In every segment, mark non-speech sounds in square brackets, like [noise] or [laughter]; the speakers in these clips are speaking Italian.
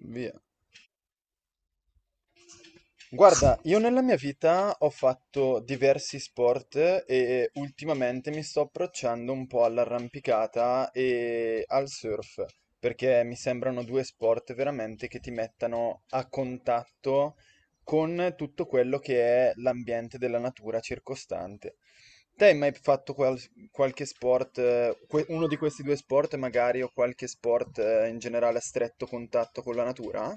Via. Guarda, io nella mia vita ho fatto diversi sport e ultimamente mi sto approcciando un po' all'arrampicata e al surf, perché mi sembrano due sport veramente che ti mettano a contatto con tutto quello che è l'ambiente della natura circostante. Te hai mai fatto qualche sport, uno di questi due sport magari o qualche sport in generale a stretto contatto con la natura?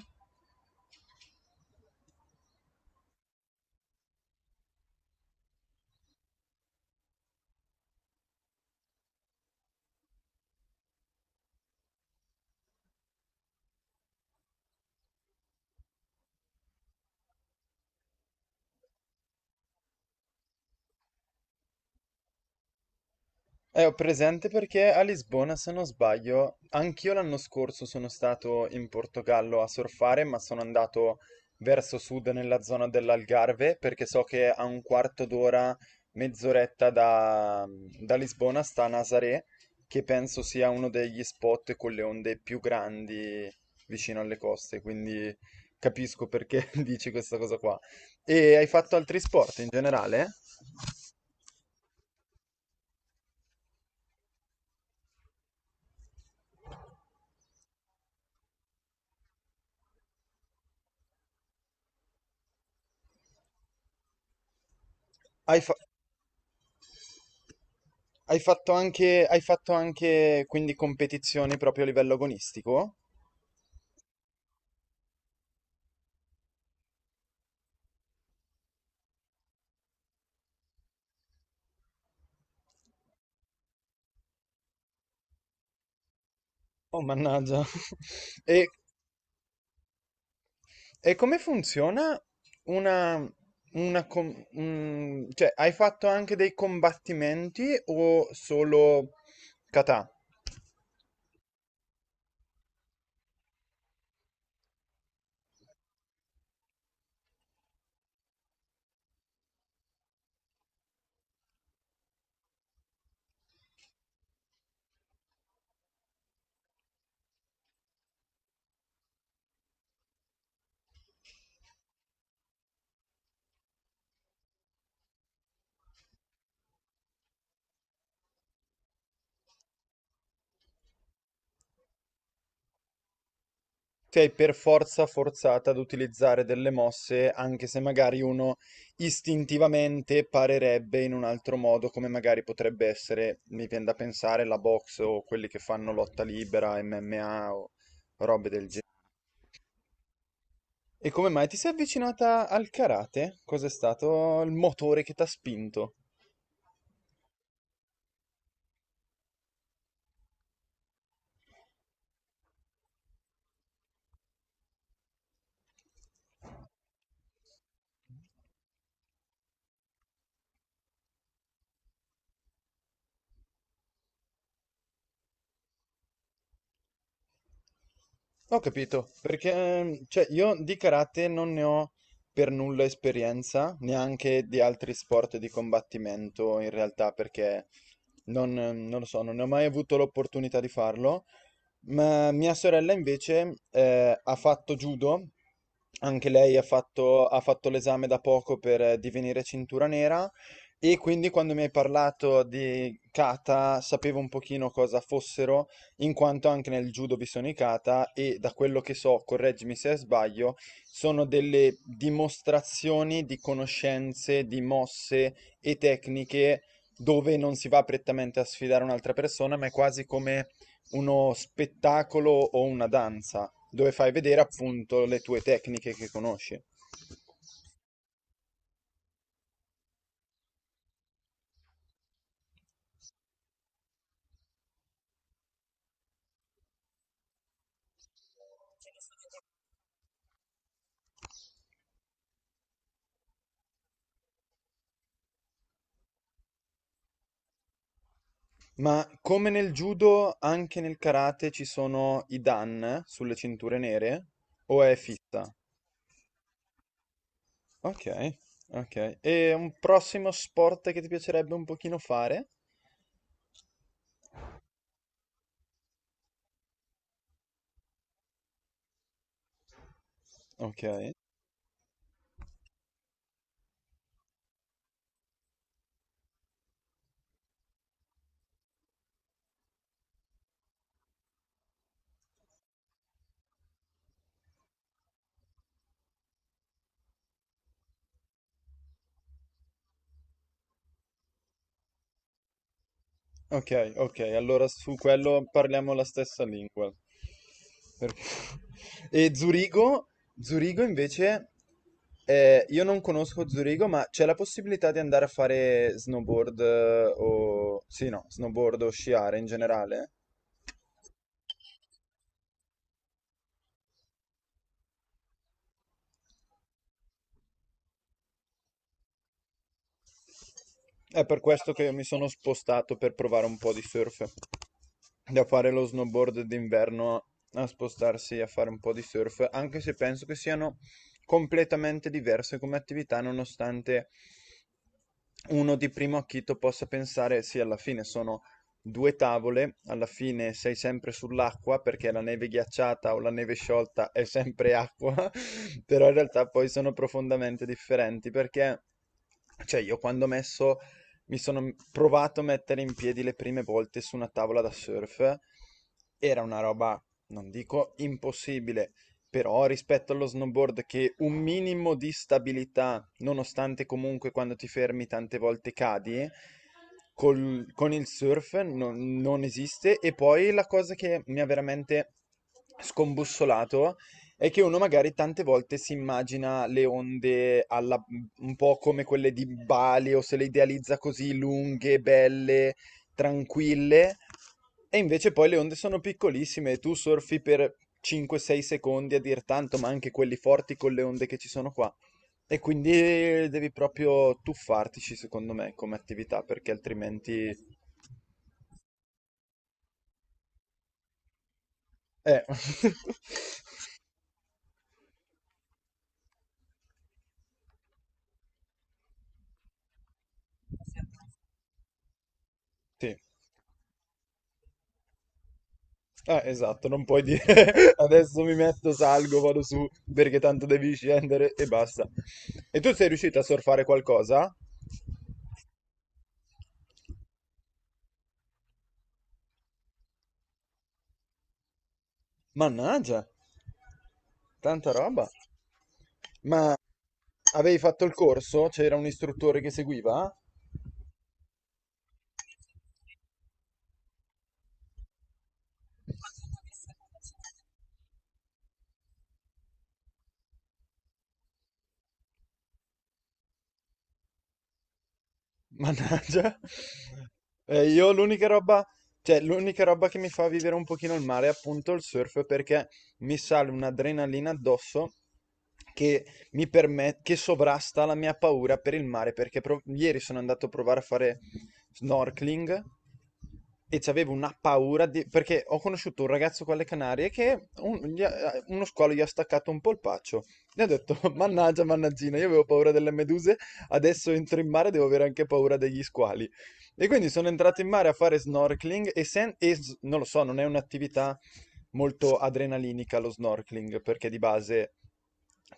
Ho presente perché a Lisbona, se non sbaglio, anch'io l'anno scorso sono stato in Portogallo a surfare, ma sono andato verso sud nella zona dell'Algarve, perché so che a un quarto d'ora, mezz'oretta da, da Lisbona sta Nazaré, che penso sia uno degli spot con le onde più grandi vicino alle coste, quindi capisco perché [laughs] dici questa cosa qua. E hai fatto altri sport in generale? Hai fatto... hai fatto anche quindi competizioni proprio a livello agonistico? Oh, mannaggia. [laughs] E, e come funziona una, cioè, hai fatto anche dei combattimenti o solo kata? Sei per forza forzato ad utilizzare delle mosse, anche se magari uno istintivamente parerebbe in un altro modo, come magari potrebbe essere, mi viene da pensare, la box o quelli che fanno lotta libera, MMA o robe del genere. E come mai ti sei avvicinata al karate? Cos'è stato il motore che ti ha spinto? Ho capito, perché cioè, io di karate non ne ho per nulla esperienza, neanche di altri sport di combattimento in realtà, perché non lo so, non ne ho mai avuto l'opportunità di farlo, ma mia sorella invece ha fatto judo, anche lei ha fatto l'esame da poco per divenire cintura nera e quindi quando mi hai parlato di kata sapevo un pochino cosa fossero in quanto anche nel judo vi sono i kata e da quello che so, correggimi se sbaglio, sono delle dimostrazioni di conoscenze, di mosse e tecniche dove non si va prettamente a sfidare un'altra persona, ma è quasi come uno spettacolo o una danza, dove fai vedere appunto le tue tecniche che conosci. Ma come nel judo, anche nel karate ci sono i dan sulle cinture nere o è fissa? Ok, ok. E un prossimo sport che ti piacerebbe un pochino fare? Ok, ok, ok. Allora su quello parliamo la stessa lingua. Perché... [laughs] E Zurigo, Zurigo invece, io non conosco Zurigo, ma c'è la possibilità di andare a fare snowboard o... Sì, no, snowboard o sciare in generale? È per questo che mi sono spostato per provare un po' di surf. Da fare lo snowboard d'inverno a spostarsi a fare un po' di surf, anche se penso che siano completamente diverse come attività, nonostante uno di primo acchito possa pensare, sì, alla fine sono due tavole, alla fine sei sempre sull'acqua perché la neve ghiacciata o la neve sciolta è sempre acqua, [laughs] però in realtà poi sono profondamente differenti perché, cioè, io quando ho messo mi sono provato a mettere in piedi le prime volte su una tavola da surf. Era una roba, non dico impossibile, però rispetto allo snowboard che un minimo di stabilità, nonostante comunque quando ti fermi tante volte cadi, con il surf non esiste. E poi la cosa che mi ha veramente scombussolato è che uno magari tante volte si immagina le onde un po' come quelle di Bali o se le idealizza così lunghe, belle, tranquille e invece poi le onde sono piccolissime e tu surfi per 5-6 secondi a dir tanto, ma anche quelli forti con le onde che ci sono qua. E quindi devi proprio tuffartici, secondo me, come attività, perché altrimenti... Eh, [laughs] sì. Esatto, non puoi dire [laughs] adesso mi metto, salgo, vado su perché tanto devi scendere e basta. E tu sei riuscito a surfare qualcosa? Mannaggia, tanta roba. Ma avevi fatto il corso? C'era un istruttore che seguiva? Mannaggia. Io l'unica roba, cioè l'unica roba che mi fa vivere un pochino il mare è appunto il surf perché mi sale un'adrenalina addosso che mi permette, che sovrasta la mia paura per il mare perché ieri sono andato a provare a fare snorkeling e c'avevo una paura perché ho conosciuto un ragazzo con le Canarie che uno squalo gli ha staccato un polpaccio. Ne ho detto, [laughs] mannaggia, mannaggina, io avevo paura delle meduse, adesso entro in mare, devo avere anche paura degli squali. E quindi sono entrato in mare a fare snorkeling e non lo so, non è un'attività molto adrenalinica lo snorkeling, perché di base,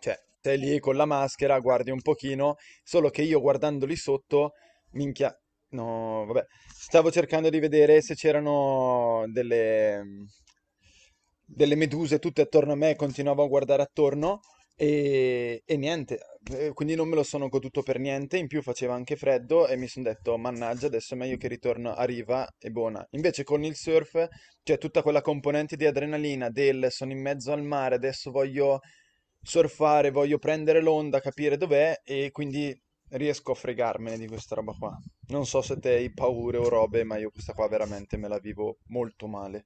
cioè, sei lì con la maschera, guardi un pochino, solo che io guardando lì sotto, minchia, no, vabbè, stavo cercando di vedere se c'erano delle meduse tutte attorno a me, continuavo a guardare attorno e niente, quindi non me lo sono goduto per niente, in più faceva anche freddo e mi sono detto, mannaggia, adesso è meglio che ritorno a riva e buona. Invece con il surf c'è tutta quella componente di adrenalina del sono in mezzo al mare, adesso voglio surfare, voglio prendere l'onda, capire dov'è e quindi riesco a fregarmene di questa roba qua. Non so se te hai paure o robe, ma io questa qua veramente me la vivo molto male.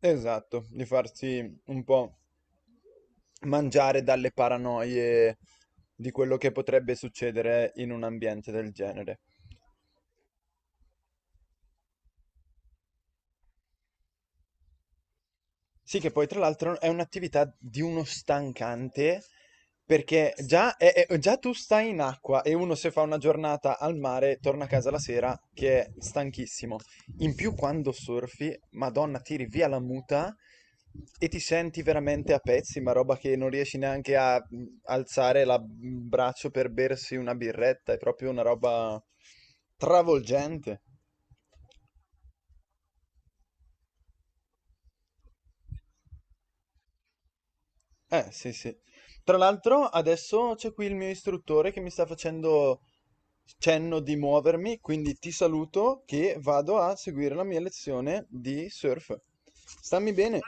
Esatto, di farsi un po' mangiare dalle paranoie di quello che potrebbe succedere in un ambiente del genere. Sì, che poi tra l'altro è un'attività di uno stancante, perché già, già tu stai in acqua e uno se fa una giornata al mare torna a casa la sera che è stanchissimo. In più quando surfi, Madonna, tiri via la muta e ti senti veramente a pezzi, ma roba che non riesci neanche a alzare il braccio per bersi una birretta, è proprio una roba travolgente. Sì, sì. Tra l'altro, adesso c'è qui il mio istruttore che mi sta facendo cenno di muovermi, quindi ti saluto che vado a seguire la mia lezione di surf. Stammi bene.